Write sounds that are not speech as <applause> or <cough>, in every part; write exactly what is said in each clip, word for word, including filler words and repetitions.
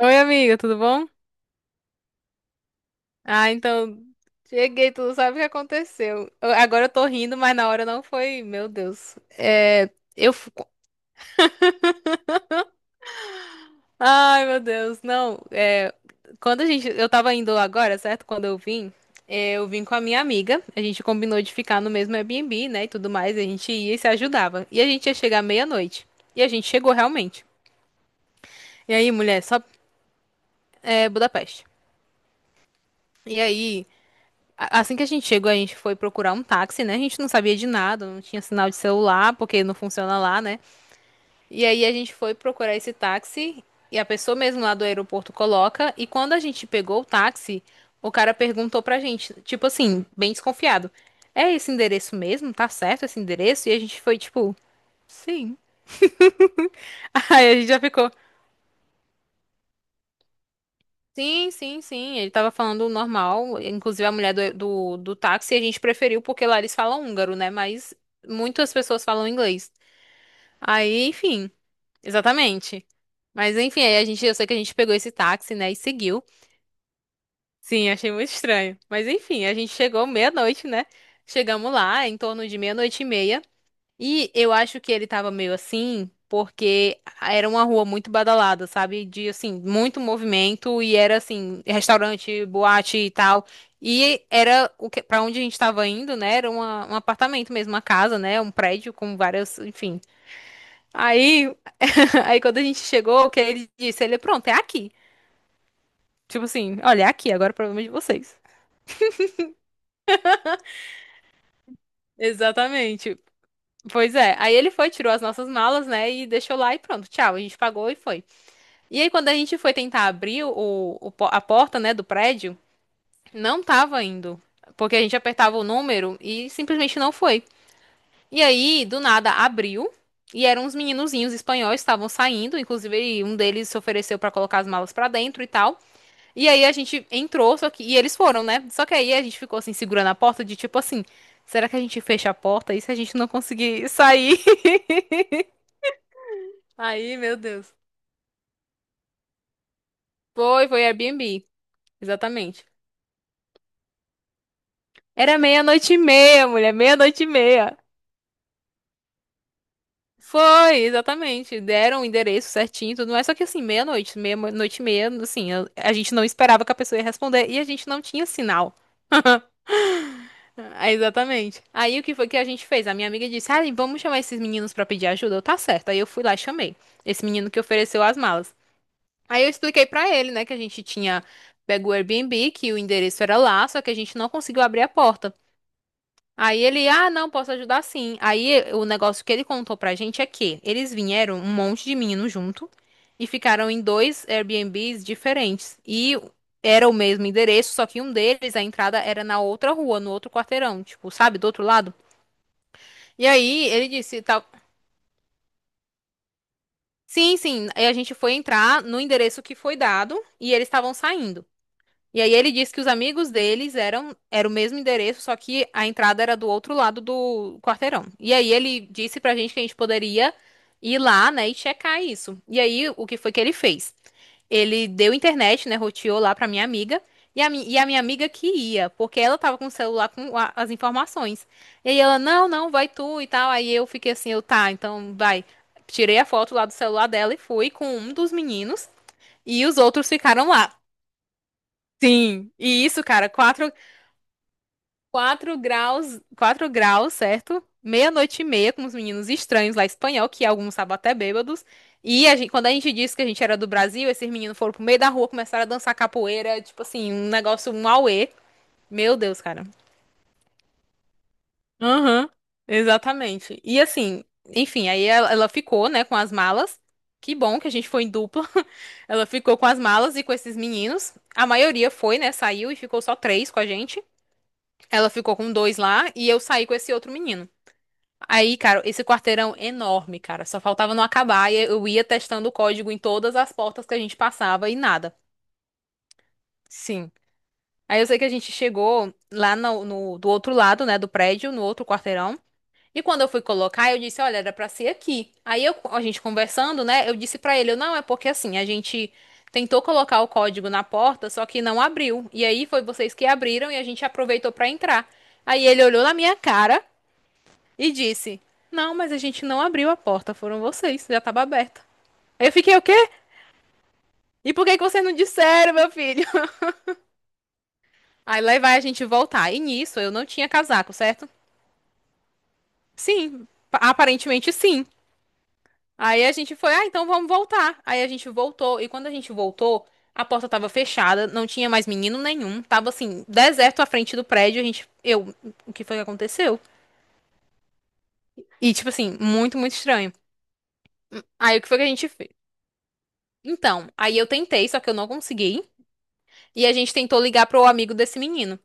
Oi, amiga, tudo bom? Ah, então, cheguei, tu não sabe o que aconteceu. Eu- agora eu tô rindo, mas na hora não foi, meu Deus. É, eu... fu- ai, meu Deus, não. É, quando a gente... Eu tava indo agora, certo? Quando eu vim, é, eu vim com a minha amiga. A gente combinou de ficar no mesmo Airbnb, né, e tudo mais. A gente ia e se ajudava. E a gente ia chegar meia-noite. E a gente chegou realmente. E aí, mulher, só... É, Budapeste. E aí... A- Assim que a gente chegou, a gente foi procurar um táxi, né? A gente não sabia de nada, não tinha sinal de celular, porque não funciona lá, né? E aí a gente foi procurar esse táxi e a pessoa mesmo lá do aeroporto coloca. E quando a gente pegou o táxi, o cara perguntou pra gente, tipo assim, bem desconfiado: é esse endereço mesmo? Tá certo esse endereço? E a gente foi tipo, sim. <laughs> Aí a gente já ficou. Sim, sim, sim. Ele tava falando normal. Inclusive, a mulher do, do, do táxi a gente preferiu porque lá eles falam húngaro, né? Mas muitas pessoas falam inglês. Aí, enfim, exatamente. Mas enfim, aí a gente, eu sei que a gente pegou esse táxi, né? E seguiu. Sim, achei muito estranho. Mas enfim, a gente chegou meia-noite, né? Chegamos lá em torno de meia-noite e meia. E eu acho que ele tava meio assim, porque era uma rua muito badalada, sabe? De, assim, muito movimento e era, assim, restaurante, boate e tal. E era o que, para onde a gente tava indo, né? Era uma- um apartamento mesmo, uma casa, né? Um prédio com várias, enfim. Aí, <laughs> aí quando a gente chegou, o que ele disse? Ele, pronto, é aqui. Tipo assim, olha, é aqui, agora é o problema é de vocês. Exatamente. Pois é. Aí ele foi, tirou as nossas malas, né? E deixou lá e pronto, tchau. A gente pagou e foi. E aí, quando a gente foi tentar abrir o, o po- a porta, né, do prédio, não tava indo. Porque a gente apertava o número e simplesmente não foi. E aí, do nada, abriu. E eram uns meninozinhos espanhóis, que estavam saindo. Inclusive, um deles se ofereceu pra colocar as malas pra dentro e tal. E aí, a gente entrou, só que... E eles foram, né? Só que aí, a gente ficou, assim, segurando a porta de tipo assim... Será que a gente fecha a porta? E se a gente não conseguir sair? <laughs> Aí, meu Deus. Foi, foi Airbnb. Exatamente. Era meia-noite e meia, mulher, meia-noite e meia. Foi, exatamente. Deram o endereço certinho, e tudo mais. Só que assim, meia-noite, meia-noite e meia, assim, eu- a gente não esperava que a pessoa ia responder e a gente não tinha sinal. Ah, exatamente. Aí o que foi que a gente fez? A minha amiga disse: ah, vamos chamar esses meninos pra pedir ajuda. Eu, tá certo. Aí eu fui lá e chamei. Esse menino que ofereceu as malas. Aí eu expliquei pra ele, né, que a gente tinha pego o Airbnb, que o endereço era lá, só que a gente não conseguiu abrir a porta. Aí ele, ah, não, posso ajudar sim. Aí eh, o negócio que ele contou pra gente é que eles vieram um monte de meninos junto e ficaram em dois Airbnbs diferentes. E era o mesmo endereço, só que um deles, a entrada era na outra rua, no outro quarteirão, tipo, sabe, do outro lado. E aí ele disse, tal. Sim, sim. Aí a gente foi entrar no endereço que foi dado e eles estavam saindo. E aí ele disse que os amigos deles eram era o mesmo endereço, só que a entrada era do outro lado do quarteirão. E aí ele disse pra gente que a gente poderia ir lá, né, e checar isso. E aí o que foi que ele fez? Ele deu internet, né, roteou lá pra minha amiga. E a, mi- e a minha amiga que ia, porque ela tava com o celular com a- as informações. E aí ela, não, não, vai tu e tal. Aí eu fiquei assim, eu, tá, então vai. Tirei a foto lá do celular dela e fui com um dos meninos. E os outros ficaram lá. Sim, e isso, cara, quatro quatro graus, quatro graus, certo? Meia-noite e meia com os meninos estranhos lá espanhol, que alguns estavam até bêbados. E a gente, quando a gente disse que a gente era do Brasil, esses meninos foram pro meio da rua, começaram a dançar capoeira, tipo assim, um negócio, um auê. Meu Deus, cara. Aham, exatamente. E assim, enfim, aí ela, ela ficou, né, com as malas. Que bom que a gente foi em dupla. <laughs> Ela ficou com as malas e com esses meninos. A maioria foi, né, saiu e ficou só três com a gente. Ela ficou com dois lá e eu saí com esse outro menino. Aí, cara, esse quarteirão enorme, cara, só faltava não acabar e eu ia testando o código em todas as portas que a gente passava e nada. Sim. Aí eu sei que a gente chegou lá no, no- do outro lado, né, do prédio, no outro quarteirão. E quando eu fui colocar, eu disse, olha, era pra ser aqui. Aí eu- a gente conversando, né, eu disse pra ele, eu, não, é porque assim, a gente tentou colocar o código na porta, só que não abriu. E aí foi vocês que abriram e a gente aproveitou pra entrar. Aí ele olhou na minha cara e disse: não, mas a gente não abriu a porta, foram vocês, já tava aberta. Aí eu fiquei, o quê? E por que que vocês não disseram, meu filho? <laughs> Aí lá vai a gente voltar. E nisso eu não tinha casaco, certo? Sim, aparentemente sim. Aí a gente foi, ah, então vamos voltar. Aí a gente voltou, e quando a gente voltou, a porta tava fechada, não tinha mais menino nenhum, tava assim, deserto à frente do prédio, a gente, eu, o que foi que aconteceu? E tipo assim, muito, muito estranho. Aí o que foi que a gente fez? Então, aí eu tentei, só que eu não consegui. E a gente tentou ligar pro amigo desse menino.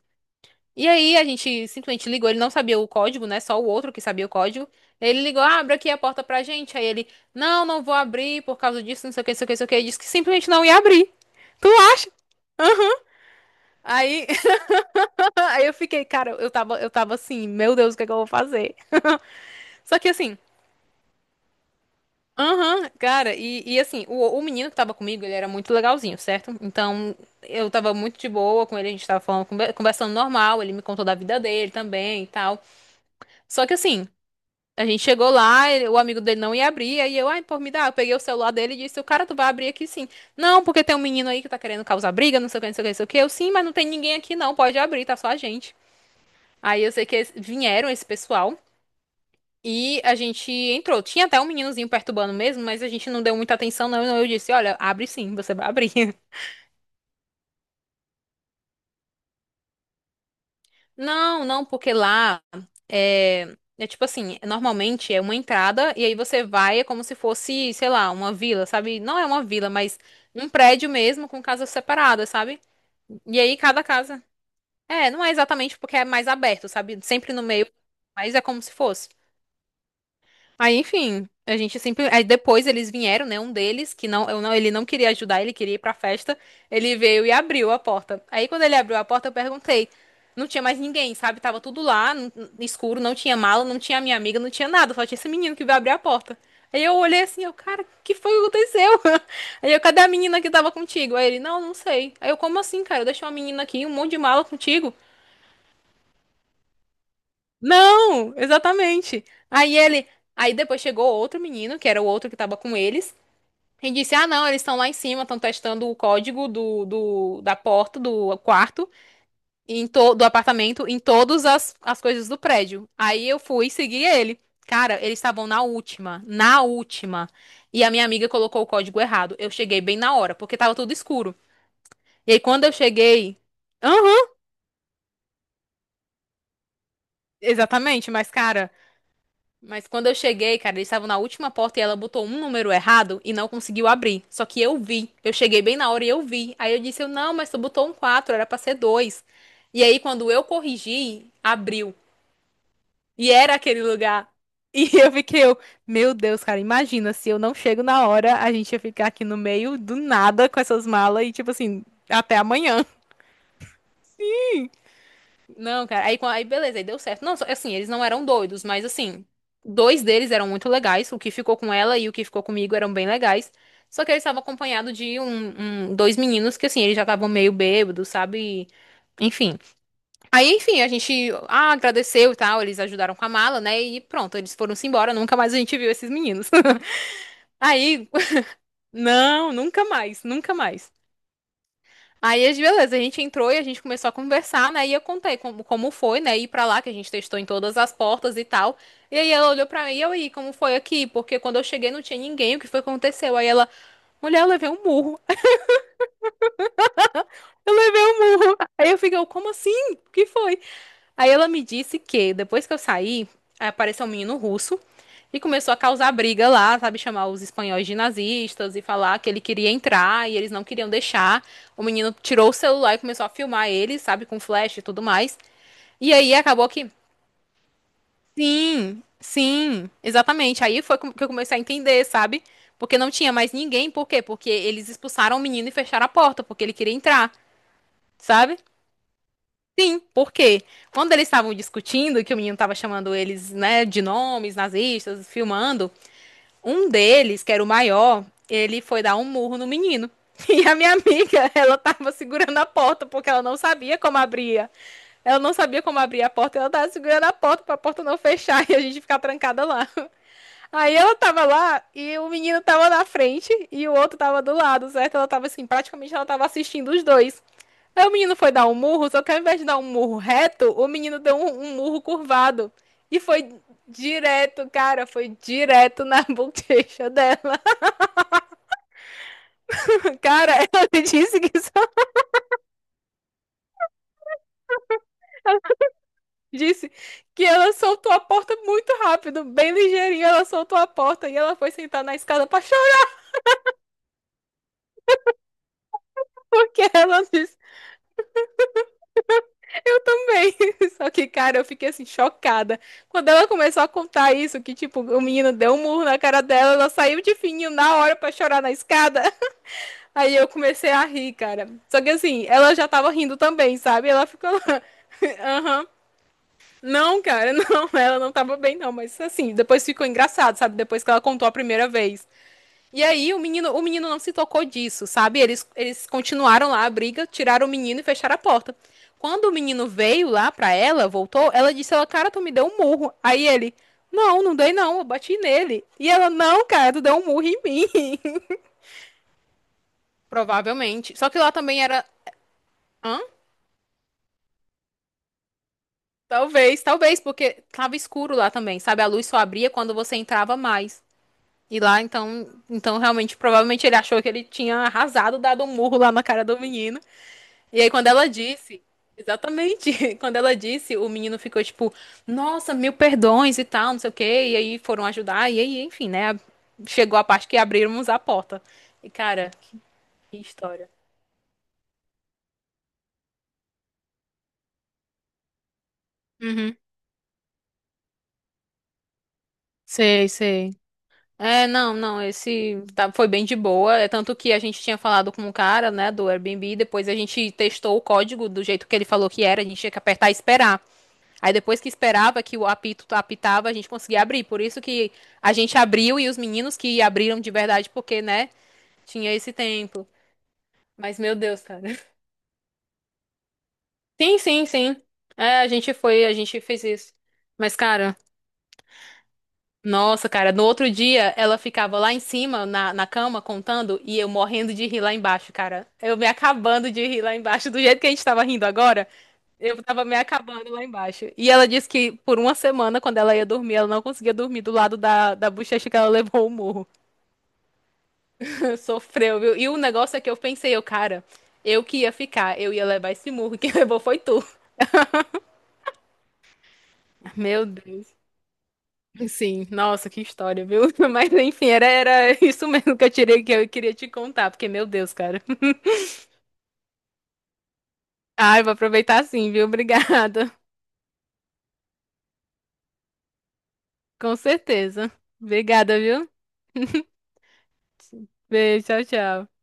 E aí a gente simplesmente ligou, ele não sabia o código, né? Só o outro que sabia o código. Ele ligou, ah, abre aqui a porta pra gente. Aí ele, não, não vou abrir por causa disso, não sei o que, não sei o que, não sei o que. Ele disse que simplesmente não ia abrir. Tu acha? Aí, <laughs> aí eu fiquei, cara, eu tava, eu tava assim, meu Deus, o que é que eu vou fazer? Só que assim, aham, cara, e, e assim, o, o menino que tava comigo, ele era muito legalzinho, certo? Então, eu tava muito de boa com ele, a gente tava falando, conver- conversando normal, ele me contou da vida dele também e tal. Só que assim, a gente chegou lá, ele- o amigo dele não ia abrir, aí eu, ai, pô, me dá, eu peguei o celular dele e disse, o cara, tu vai abrir aqui sim. Não, porque tem um menino aí que tá querendo causar briga, não sei o que, não sei o que, não sei o que. Eu, sim, mas não tem ninguém aqui não, pode abrir, tá só a gente. Aí eu sei que eles vieram esse pessoal e a gente entrou. Tinha até um meninozinho perturbando mesmo, mas a gente não deu muita atenção não, então eu disse, olha, abre sim, você vai abrir. Não, não, porque lá é, é tipo assim, normalmente é uma entrada e aí você vai, é como se fosse, sei lá, uma vila, sabe? Não é uma vila, mas um prédio mesmo com casas separadas, sabe? E aí cada casa. É, não é exatamente porque é mais aberto, sabe? Sempre no meio, mas é como se fosse. Aí, enfim, a gente sempre. Aí depois eles vieram, né? Um deles, que não, eu não, ele não queria ajudar, ele queria ir pra festa. Ele veio e abriu a porta. Aí quando ele abriu a porta, eu perguntei. Não tinha mais ninguém, sabe? Tava tudo lá, n- n- escuro, não tinha mala, não tinha minha amiga, não tinha nada, só tinha esse menino que veio abrir a porta. Aí eu olhei assim, eu, cara, que foi que aconteceu? <laughs> Aí eu, cadê a menina que tava contigo? Aí ele, não, não sei. Aí eu, como assim, cara? Eu deixei uma menina aqui, um monte de mala contigo. Não, exatamente. Aí ele, aí depois chegou outro menino, que era o outro que tava com eles, e disse: "Ah, não, eles estão lá em cima, estão testando o código do, do da porta do quarto e em to, do apartamento em todas as, as coisas do prédio". Aí eu fui seguir ele. Cara, eles estavam na última, na última. E a minha amiga colocou o código errado. Eu cheguei bem na hora, porque tava tudo escuro. E aí quando eu cheguei, aham, exatamente, mas cara, mas quando eu cheguei, cara, eles estavam na última porta e ela botou um número errado e não conseguiu abrir. Só que eu vi. Eu cheguei bem na hora e eu vi. Aí eu disse, eu, não, mas tu botou um quatro, era pra ser dois. E aí quando eu corrigi, abriu. E era aquele lugar. E <laughs> eu fiquei, eu, meu Deus, cara, imagina se eu não chego na hora, a gente ia ficar aqui no meio do nada com essas malas e tipo assim, até amanhã. Não, cara. Aí, quan- aí beleza, aí deu certo. Não, só- assim, eles não eram doidos, mas assim, dois deles eram muito legais. O que ficou com ela e o que ficou comigo eram bem legais. Só que eles estavam acompanhados de um, um- dois meninos que, assim, eles já estavam meio bêbados, sabe? Enfim. Aí, enfim, a gente ah, agradeceu e tal, eles ajudaram com a mala, né? E pronto, eles foram-se embora, nunca mais a gente viu esses meninos. <laughs> Aí, não, nunca mais, nunca mais. Aí, as- beleza, a gente entrou e a gente começou a conversar, né? E eu contei como, como foi, né? Ir pra lá, que a gente testou em todas as portas e tal. E aí ela olhou pra mim e eu, e como foi aqui? Porque quando eu cheguei não tinha ninguém, o que foi que aconteceu? Aí ela, mulher, eu levei um murro. Eu levei um murro. Aí eu fiquei, eu, como assim? O que foi? Aí ela me disse que depois que eu saí, aí apareceu um menino russo e começou a causar briga lá, sabe? Chamar os espanhóis de nazistas e falar que ele queria entrar e eles não queriam deixar. O menino tirou o celular e começou a filmar ele, sabe? Com flash e tudo mais. E aí acabou que. Sim, sim, exatamente. Aí foi com- que eu comecei a entender, sabe? Porque não tinha mais ninguém. Por quê? Porque eles expulsaram o menino e fecharam a porta, porque ele queria entrar, sabe? Sim, porque quando eles estavam discutindo, que o menino estava chamando eles, né, de nomes nazistas, filmando, um deles, que era o maior, ele foi dar um murro no menino. <laughs> E a minha amiga, ela tava segurando a porta porque ela não sabia como abria. Ela não sabia como abrir a porta, ela tava segurando a porta para a porta não fechar <laughs> e a gente ficar trancada lá. Aí ela tava lá e o menino tava na frente e o outro tava do lado, certo? Ela tava assim, praticamente ela tava assistindo os dois. Aí o menino foi dar um murro, só que ao invés de dar um murro reto, o menino deu um, um murro curvado. E foi direto, cara, foi direto na <laughs> bochecha dela. Cara, ela <laughs> me disse que só disse que ela soltou a porta muito rápido, bem ligeirinho, ela soltou a porta e ela foi sentar na escada pra chorar, <laughs> porque ela disse também. <laughs> Só que, cara, eu fiquei assim, chocada. Quando ela começou a contar isso, que tipo, o menino deu um murro na cara dela, ela saiu de fininho na hora pra chorar na escada. Aí eu comecei a rir, cara. Só que assim, ela já tava rindo também, sabe? Ela ficou lá, <laughs> aham. Não, cara, <laughs> não, ela não tava bem, não. Mas assim, depois ficou engraçado, sabe? Depois que ela contou a primeira vez. E aí o menino, o menino não se tocou disso, sabe? Eles, eles continuaram lá a briga, tiraram o menino e fecharam a porta. Quando o menino veio lá pra ela, voltou, ela disse, ela, cara, tu me deu um murro. Aí ele, não, não dei não, eu bati nele. E ela, não, cara, tu deu um murro em mim. <laughs> Provavelmente. Só que lá também era. Hã? Talvez, talvez, porque tava escuro lá também, sabe? A luz só abria quando você entrava mais. E lá, então, então realmente, provavelmente ele achou que ele tinha arrasado, dado um murro lá na cara do menino. E aí, quando ela disse, exatamente, <laughs> quando ela disse, o menino ficou tipo, nossa, mil perdões e tal, não sei o quê. E aí foram ajudar, e aí, enfim, né? Chegou a parte que abrimos a porta. E cara, que história. Uhum. Sei, sei. É, não, não, esse tá- foi bem de boa. É tanto que a gente tinha falado com o cara, né, do Airbnb, depois a gente testou o código do jeito que ele falou que era, a gente tinha que apertar e esperar. Aí depois que esperava que o apito apitava, a gente conseguia abrir. Por isso que a gente abriu e os meninos que abriram de verdade, porque, né, tinha esse tempo. Mas, meu Deus, cara. <laughs> Sim, sim, sim. É, a gente foi, a gente fez isso. Mas, cara. Nossa, cara, no outro dia ela ficava lá em cima, na, na cama, contando, e eu morrendo de rir lá embaixo, cara. Eu me acabando de rir lá embaixo, do jeito que a gente tava rindo agora, eu tava me acabando lá embaixo. E ela disse que por uma semana, quando ela ia dormir, ela não conseguia dormir do lado da, da bochecha que ela levou o murro. <laughs> Sofreu, viu? E o negócio é que eu pensei, eu, cara, eu que ia ficar, eu ia levar esse murro, quem <laughs> levou foi tu. Meu Deus. Sim, nossa, que história, viu? <laughs> Mas enfim, era, era <laughs> isso mesmo que eu tirei que eu queria te contar, porque, meu Deus, cara. <laughs> Ai, vou aproveitar sim, viu? Obrigada. <laughs> Com certeza. Obrigada, viu? Beijo, tchau, tchau.